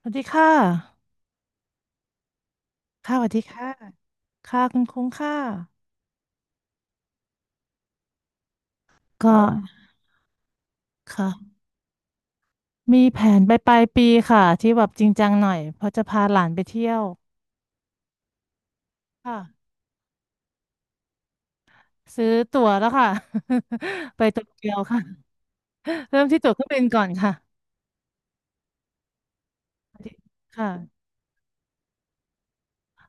สวัสดีค่ะค่ะสวัสดีค่ะค่ะคุณคุ้งค่ะก็ค่ะมีแผนไปปลายปีค่ะที่แบบจริงจังหน่อยเพราะจะพาหลานไปเที่ยวค่ะซื้อตั๋วแล้วค่ะ ไปโตเกียวค่ะเริ่มที่ตั๋วเครื่องบินก่อนค่ะค่ะ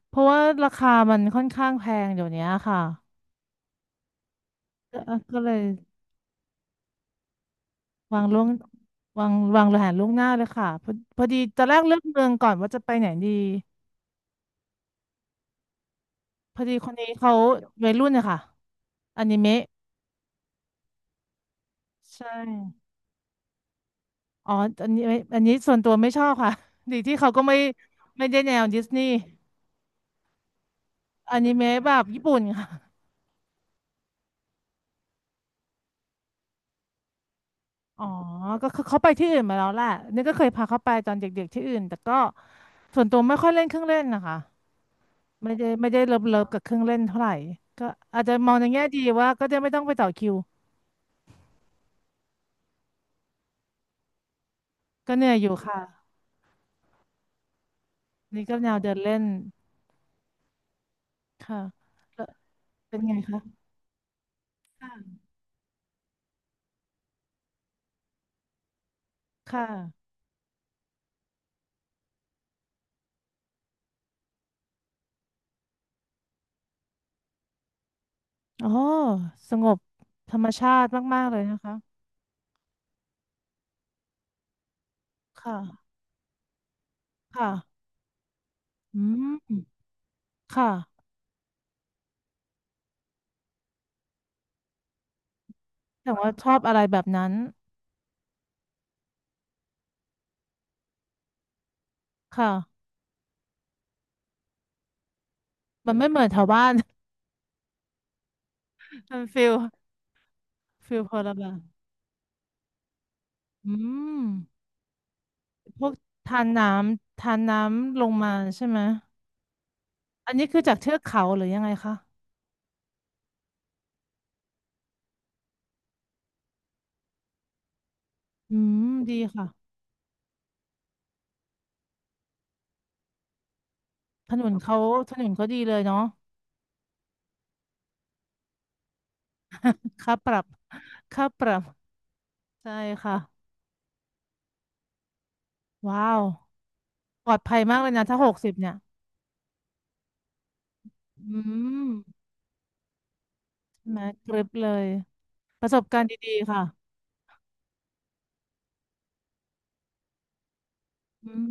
เพราะว่าราคามันค่อนข้างแพงเดี๋ยวนี้ค่ะก็ก็เลยวางล่วงวางแผนล่วงหน้าเลยค่ะพอพอดีตอนแรกเลือกเมืองก่อนว่าจะไปไหนดีพอดีคนนี้เขาวัยรุ่นนะคะอนิเมะ ใช่อ๋ออันนี้ไม่อันนี้ส่วนตัวไม่ชอบค่ะ ดีที่เขาก็ไม่ไม่ได้แนวดิสนีย์อนิเมะแบบญี่ปุ่นค่ะอ๋อก็คือเขาไปที่อื่นมาแล้วแหละนี่ก็เคยพาเขาไปตอนเด็กๆที่อื่น แต่ก็ส่วนตัวไม่ค่อยเล่นเครื่องเล่นนะคะ ไม่ได้ไม่ได้เลิฟเลิฟกับเครื่องเล่นเท่าไหร่ ก็อาจจะมองในแง่ดีว่าก็จะไม่ต้องไปต่อคิวก็เหนื่อยอยู่ค่ะนี่ก็แนวเดินเล่นค่ะแล้วเป็นไงคะค่ะค่ะอ๋อสงบธรรมชาติมากๆเลยนะคะ ค่ะ ค่ะอืมค่ะแต่ว่าชอบอะไรแบบนั้น ค่ะมันไม่เหมือนแถวบ้าน มันฟิลพอละแบบอืมพวกทานน้ทานน้ำลงมาใช่ไหม อันนี้คือจากเทือกเขาหรือยังไงคะอืมดีค่ะถนนเขาถนนเขาดีเลยเนาะค่าปรับค่าปรับ ใช่ค่ะว้าว ปลอดภัยมากเลยนะถ้า60เนี่ยอืมใช่ไหมกริบเลย ประสบการณ์ดีๆค่ะ อืม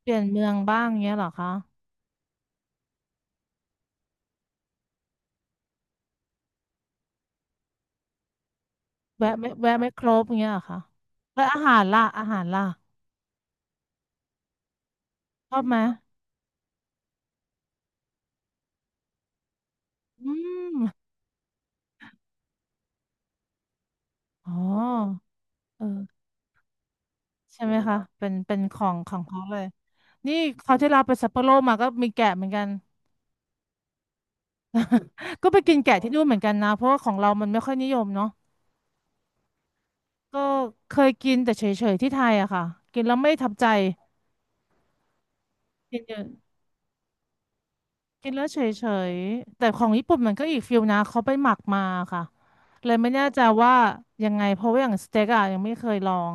เปลี่ยนเมืองบ้างเงี้ยเหรอคะแวะไม่ครบเงี้ยเหรอคะแล้วอาหารล่ะอาหารล่ะชอบไหมอืมอ๋อเออใช่ไหมคะเป็นเป็นของของเขาเลยนี่เขาวที่เราไปซัปโปโรมาก็มีแกะเหมือนกัน ก็ไปกินแกะที่นู่นเหมือนกันนะเพราะว่าของเรามันไม่ค่อยนิยมเนาะก็เคยกินแต่เฉยๆที่ไทยอะค่ะกินแล้วไม่ทับใจกินเยอะ กินแล้วเฉยๆแต่ของญี่ปุ่นมันก็อีกฟิลนะเขาไปหมักมาค่ะเลยไม่แน่ใจว่ายังไงเพราะว่าอย่างสเต็กอะยังไม่เคยลอง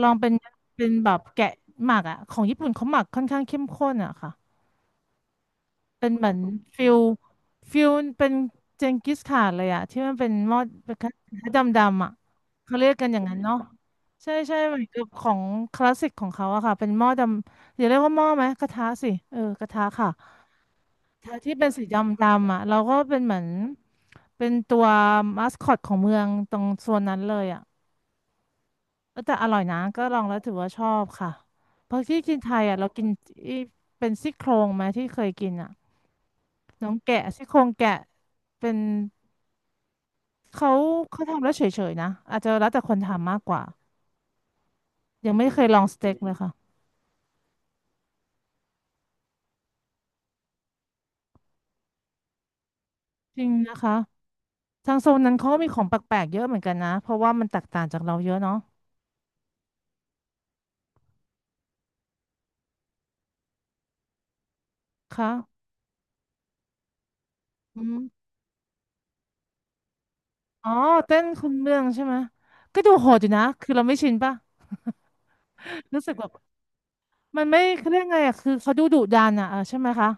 ลองเป็นเป็นแบบแกะหมักอะของญี่ปุ่นเขาหมักค่อนข้างเข้มข้นอะค่ะเป็นเหมือนฟิลฟิลเป็นเจงกิสข่านเลยอะที่มันเป็นหม้อเป็นกระดำดำๆอะเขาเรียกกันอย่างนั้นเนาะใช่ใช่เหมือนกับของคลาสสิกของเขาอะค่ะเป็นหม้อดำอย่าเรียกว่าหม้อไหมกระทะสิเออกระทะค่ะ ที่เป็นสีดำๆอ่ะเราก็เป็นเหมือนเป็นตัวมาสคอตของเมืองตรงโซนนั้นเลยอ่ะเออแต่อร่อยนะก็ลองแล้วถือว่าชอบค่ะเพราะที่กินไทยอ่ะเรากินอีเป็นซี่โครงไหมที่เคยกินอ่ะน้องแกะซี่โครงแกะเป็นเขาเขาทำแล้วเฉยๆนะอาจจะแล้วแต่คนทำมากกว่ายังไม่เคยลองสเต็กเลยค่ะจริงนะคะทางโซนนั้นเขาก็มีของแปลกๆเยอะเหมือนกันนะเพราะว่ามันแตกต่างจากเราเยอะเนาะค่ะอืม อ๋อเต้นคุณเมืองใช่ไหมก็ดูโหดอยู่นะคือเราไม่ชินป่ะ รู้สึกแบบมันไม่เขาเรียกไงอ่ะคือเขาดูดุดันอ่ะเออใช่ไหมคะ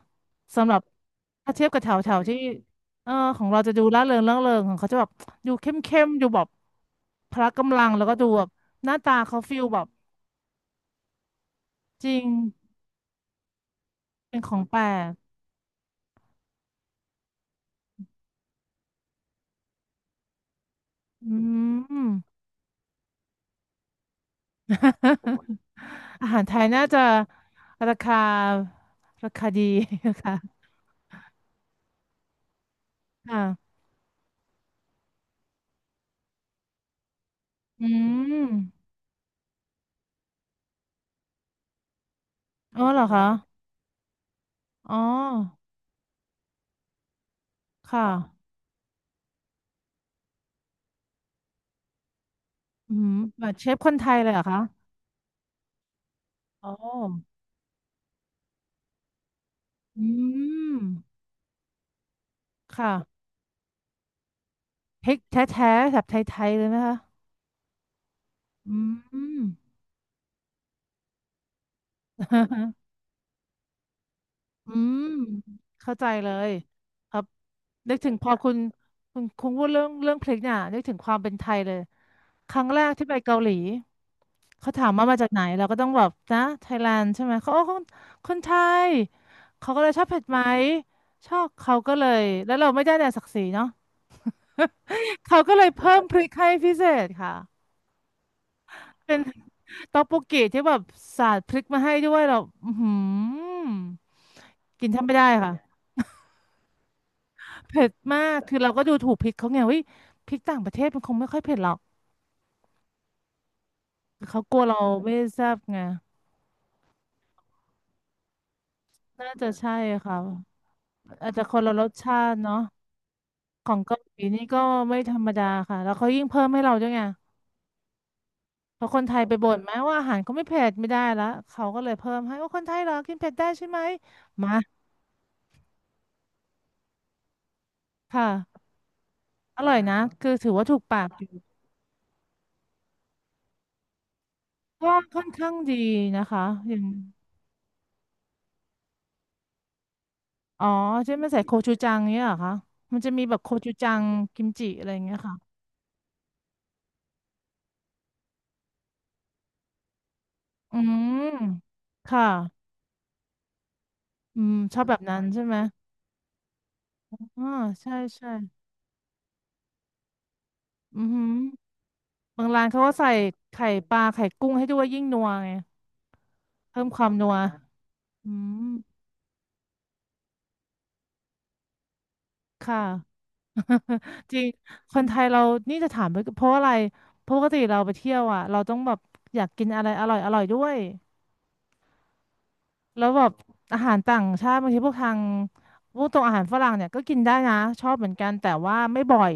สำหรับถ้าเทียบกับแถวแถวที่เออของเราจะดูร่าเริงร่าเริงของเขาจะแบบดูเข้มเข้มดูแบบพละกำลังแล้วก็ดูแบบหน้าตาเขาฟิลแบบจริงเป็นของแปลกอืม อาหารไทยน่าจะราคาราคาดี นะคะค่ะอืม อ๋อเหรอคะ อ๋อค่ะอืมแบบเชฟคนไทยเลยเหรอคะ อ๋ออืมค่ะพริกแท้ๆแบบไทยๆเลยนะคะอืม อืมเข้าใจเลยครับนึกถึงพอคุณพูดเรื่องพริกเนี่ยนึกถึงความเป็นไทยเลย ครั้งแรกที่ไปเกาหลีเขาถามว่ามาจากไหนเราก็ต้องแบบนะไทยแลนด์ใช่ไหมเขาโอ้คนคนไทยเขาก็เลยชอบเผ็ดไหมชอบเขาก็เลยแล้วเราไม่ได้แต่ศักดิ์ศรีเนาะเขาก็เลยเพิ่มพริกให้พิเศษค่ะเป็นต๊อกบกกิที่แบบสาดพริกมาให้ด้วยเราอือหือกินแทบไม่ได้ค่ะเผ็ดมากคือเราก็ดูถูกพริกเขาไงเฮ้ยพริกต่างประเทศมันคงไม่ค่อยเผ็ดหรอกเขากลัวเราไม่แซ่บไงน่าจะใช่ค่ะ อาจจะคนละรสชาติเนาะของเกาหลีนี่ก็ไม่ธรรมดาค่ะแล้วเขายิ่งเพิ่มให้เราด้วยไงเพราะคนไทยไปบ่นไหมว่าอาหารเขาไม่เผ็ดไม่ได้ละเขาก็เลยเพิ่มให้ว่าคนไทยเหรอกินเผ็ดได้ใช่ไหมมาค่ะอร่อยนะคือถือว่าถูกปากอยู่ก็ค่อนข้างดีนะคะอย่างอ๋อใช่ไหมใส่โคชูจังเนี่ยเหรอคะมันจะมีแบบโคชูจังกิมจิอะไรอย่างเงี้ยค่ะอืมค่ะอืมชอบแบบนั้นใช่ไหมอ๋อใช่ใช่อือหือ บางร้านเขาก็ใส่ไข่ปลาไข่กุ้งให้ด้วยยิ่งนัวไงเพิ่มความนัวอืมค่ะ จริงคนไทยเรานี่จะถามไปเพราะอะไรเพราะปกติเราไปเที่ยวอ่ะเราต้องแบบอยากกินอะไรอร่อยอร่อยด้วยแล้วแบบอาหารต่างชาติบางทีพวกทางพวกตรงอาหารฝรั่งเนี่ยก็กินได้นะชอบเหมือนกันแต่ว่าไม่บ่อย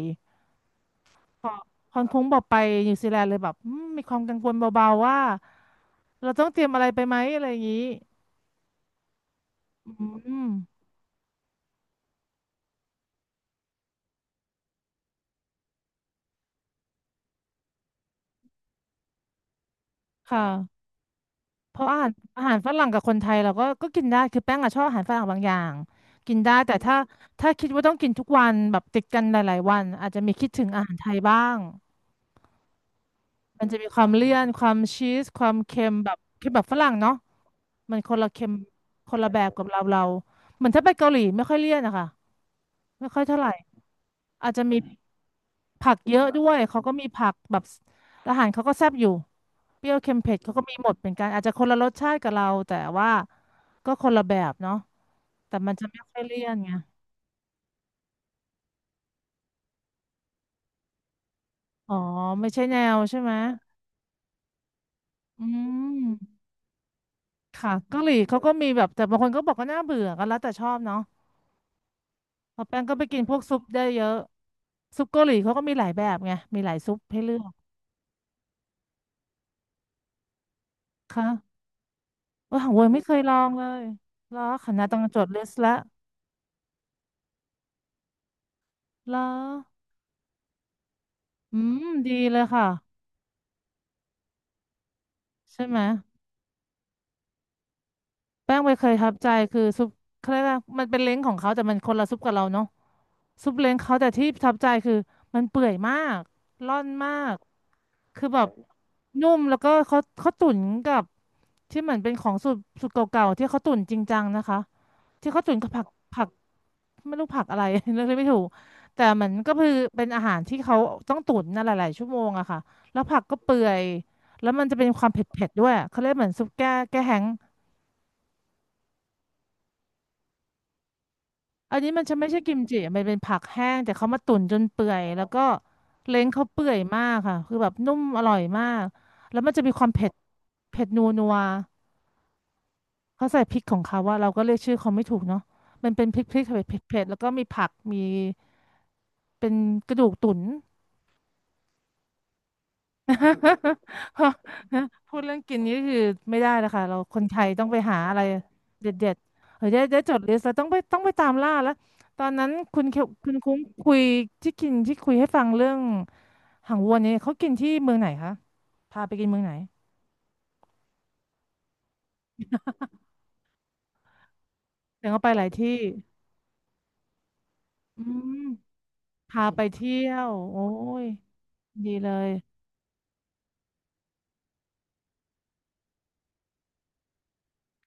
พอนคุ้งบอกไปนิวซีแลนด์เลยแบบอืมมีความกังวลเบาๆว่าเราต้องเตรียมอะไรไปไหมอะไรอย่างนี้อืมค่ะ เพราะอาหารอาหารฝรั่งกับคนไทยเราก็ก็กินได้คือแป้งอะชอบอาหารฝรั่งบางอย่างกินได้แต่ถ้าถ้าคิดว่าต้องกินทุกวันแบบติดกันหลายๆวันอาจจะมีคิดถึงอาหารไทยบ้างมันจะมีความเลี่ยนความชีสความเค็มแบบเค็มแบบฝรั่งเนาะมันคนละเค็มคนละแบบกับเราเราเหมือนถ้าไปเกาหลีไม่ค่อยเลี่ยนอะค่ะไม่ค่อยเท่าไหร่อาจจะมี ผักเยอะด้วยเขาก็มีผักแบบอาหารเขาก็แซ่บอยู่เปรี้ยวเค็มเผ็ดเขาก็มีหมดเป็นกันอาจจะคนละรสชาติกับเราแต่ว่าก็คนละแบบเนาะแต่มันจะไม่ค่อยเลี่ยนไงอ๋อไม่ใช่แนวใช่ไหมอืมค่ะเกาหลีเขาก็มีแบบแต่บางคนก็บอกก็น่าเบื่อก็แล้วแต่ชอบเนาะพอแป้งก็ไปกินพวกซุปได้เยอะซุปเกาหลีเขาก็มีหลายแบบไงมีหลายซุปให้เลือกค่ะว่าหางเวยไม่เคยลองเลยเหรอขนาดต้องจดลิสต์ละเหรอ อืมดีเลยค่ะใช่ไหมแป้งไปเคยทับใจคือซุปเขาเรียกว่ามันเป็นเล้งของเขาแต่มันคนละซุปกับเราเนาะซุปเล้งเขาแต่ที่ทับใจคือมันเปื่อยมากร่อนมากคือแบบนุ่มแล้วก็เขาตุ๋นกับที่เหมือนเป็นของสูตรสูตรเก่าๆที่เขาตุ๋นจริงจังนะคะที่เขาตุ๋นกับผักผัก ไม่รู้ผักอะไร เลือกได้ไม่ถูกแต่มันก็คือเป็นอาหารที่เขาต้องตุ๋นนะหลายๆชั่วโมงอะค่ะแล้วผักก็เปื่อยแล้วมันจะเป็นความเผ็ดๆด้วยเขาเรียกเหมือนซุปแก้แก้แห้งอันนี้มันจะไม่ใช่กิมจิมันเป็นผักแห้งแต่เขามาตุ๋นจนเปื่อยแล้วก็เล้งเขาเปื่อยมากค่ะคือแบบนุ่มอร่อยมากแล้วมันจะมีความเผ็ดเผ็ดนัวนัวเขาใส่พริกของเขาว่าเราก็เรียกชื่อเขาไม่ถูกเนาะมันเป็นพริกพริกเผ็ดเผ็ดเผ็ดแล้วก็มีผักมีเป็นกระดูกตุ๋น พูดเรื่องกินนี่คือไม่ได้นะคะเราคนไทยต้องไปหาอะไรเด็ดๆเฮ้ยได้จดลิสต์แล้วต้องไปตามล่าแล้วตอนนั้นคุณเคคุณคุ้งคุยที่กินที่คุยให้ฟังเรื่องหางวัวเนี่ยเขากินที่เมืองไหนคะพาไปกินเมืองไหนแต่เขาไปหลายที่อืมพาไปเที่ยวโอ้ยดีเลย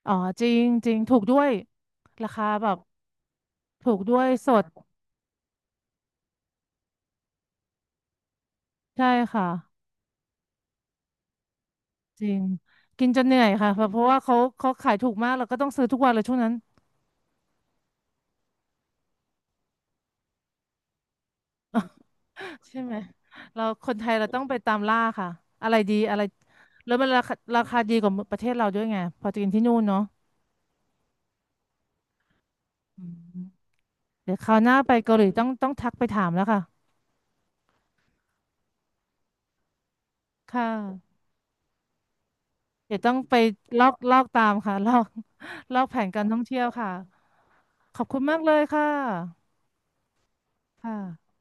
อ๋อจริงจริงถูกด้วยราคาแบบถูกด้วยสดใช่ค่ะ จริงกินจนเหนื่อยค่ะเพราะว่าเขาขายถูกมากเราก็ต้องซื้อทุกวันเลยช่วงนั้น ใช่ไหมเราคนไทยเราต้องไปตามล่าค่ะอะไรดีอะไรแล้วมันราคาดีกว่าประเทศเราด้วยไงพอจะกินที่นู่นเนาะอืมเดี๋ยวคราวหน้าไปเกาหลีต้องทักไปถามแล้วค่ะค่ะเดี๋ยวต้องไปลอกตามค่ะลอกแผนการท่องเที่ยวค่ะขอบคุณมากเลยค่ะค่ะ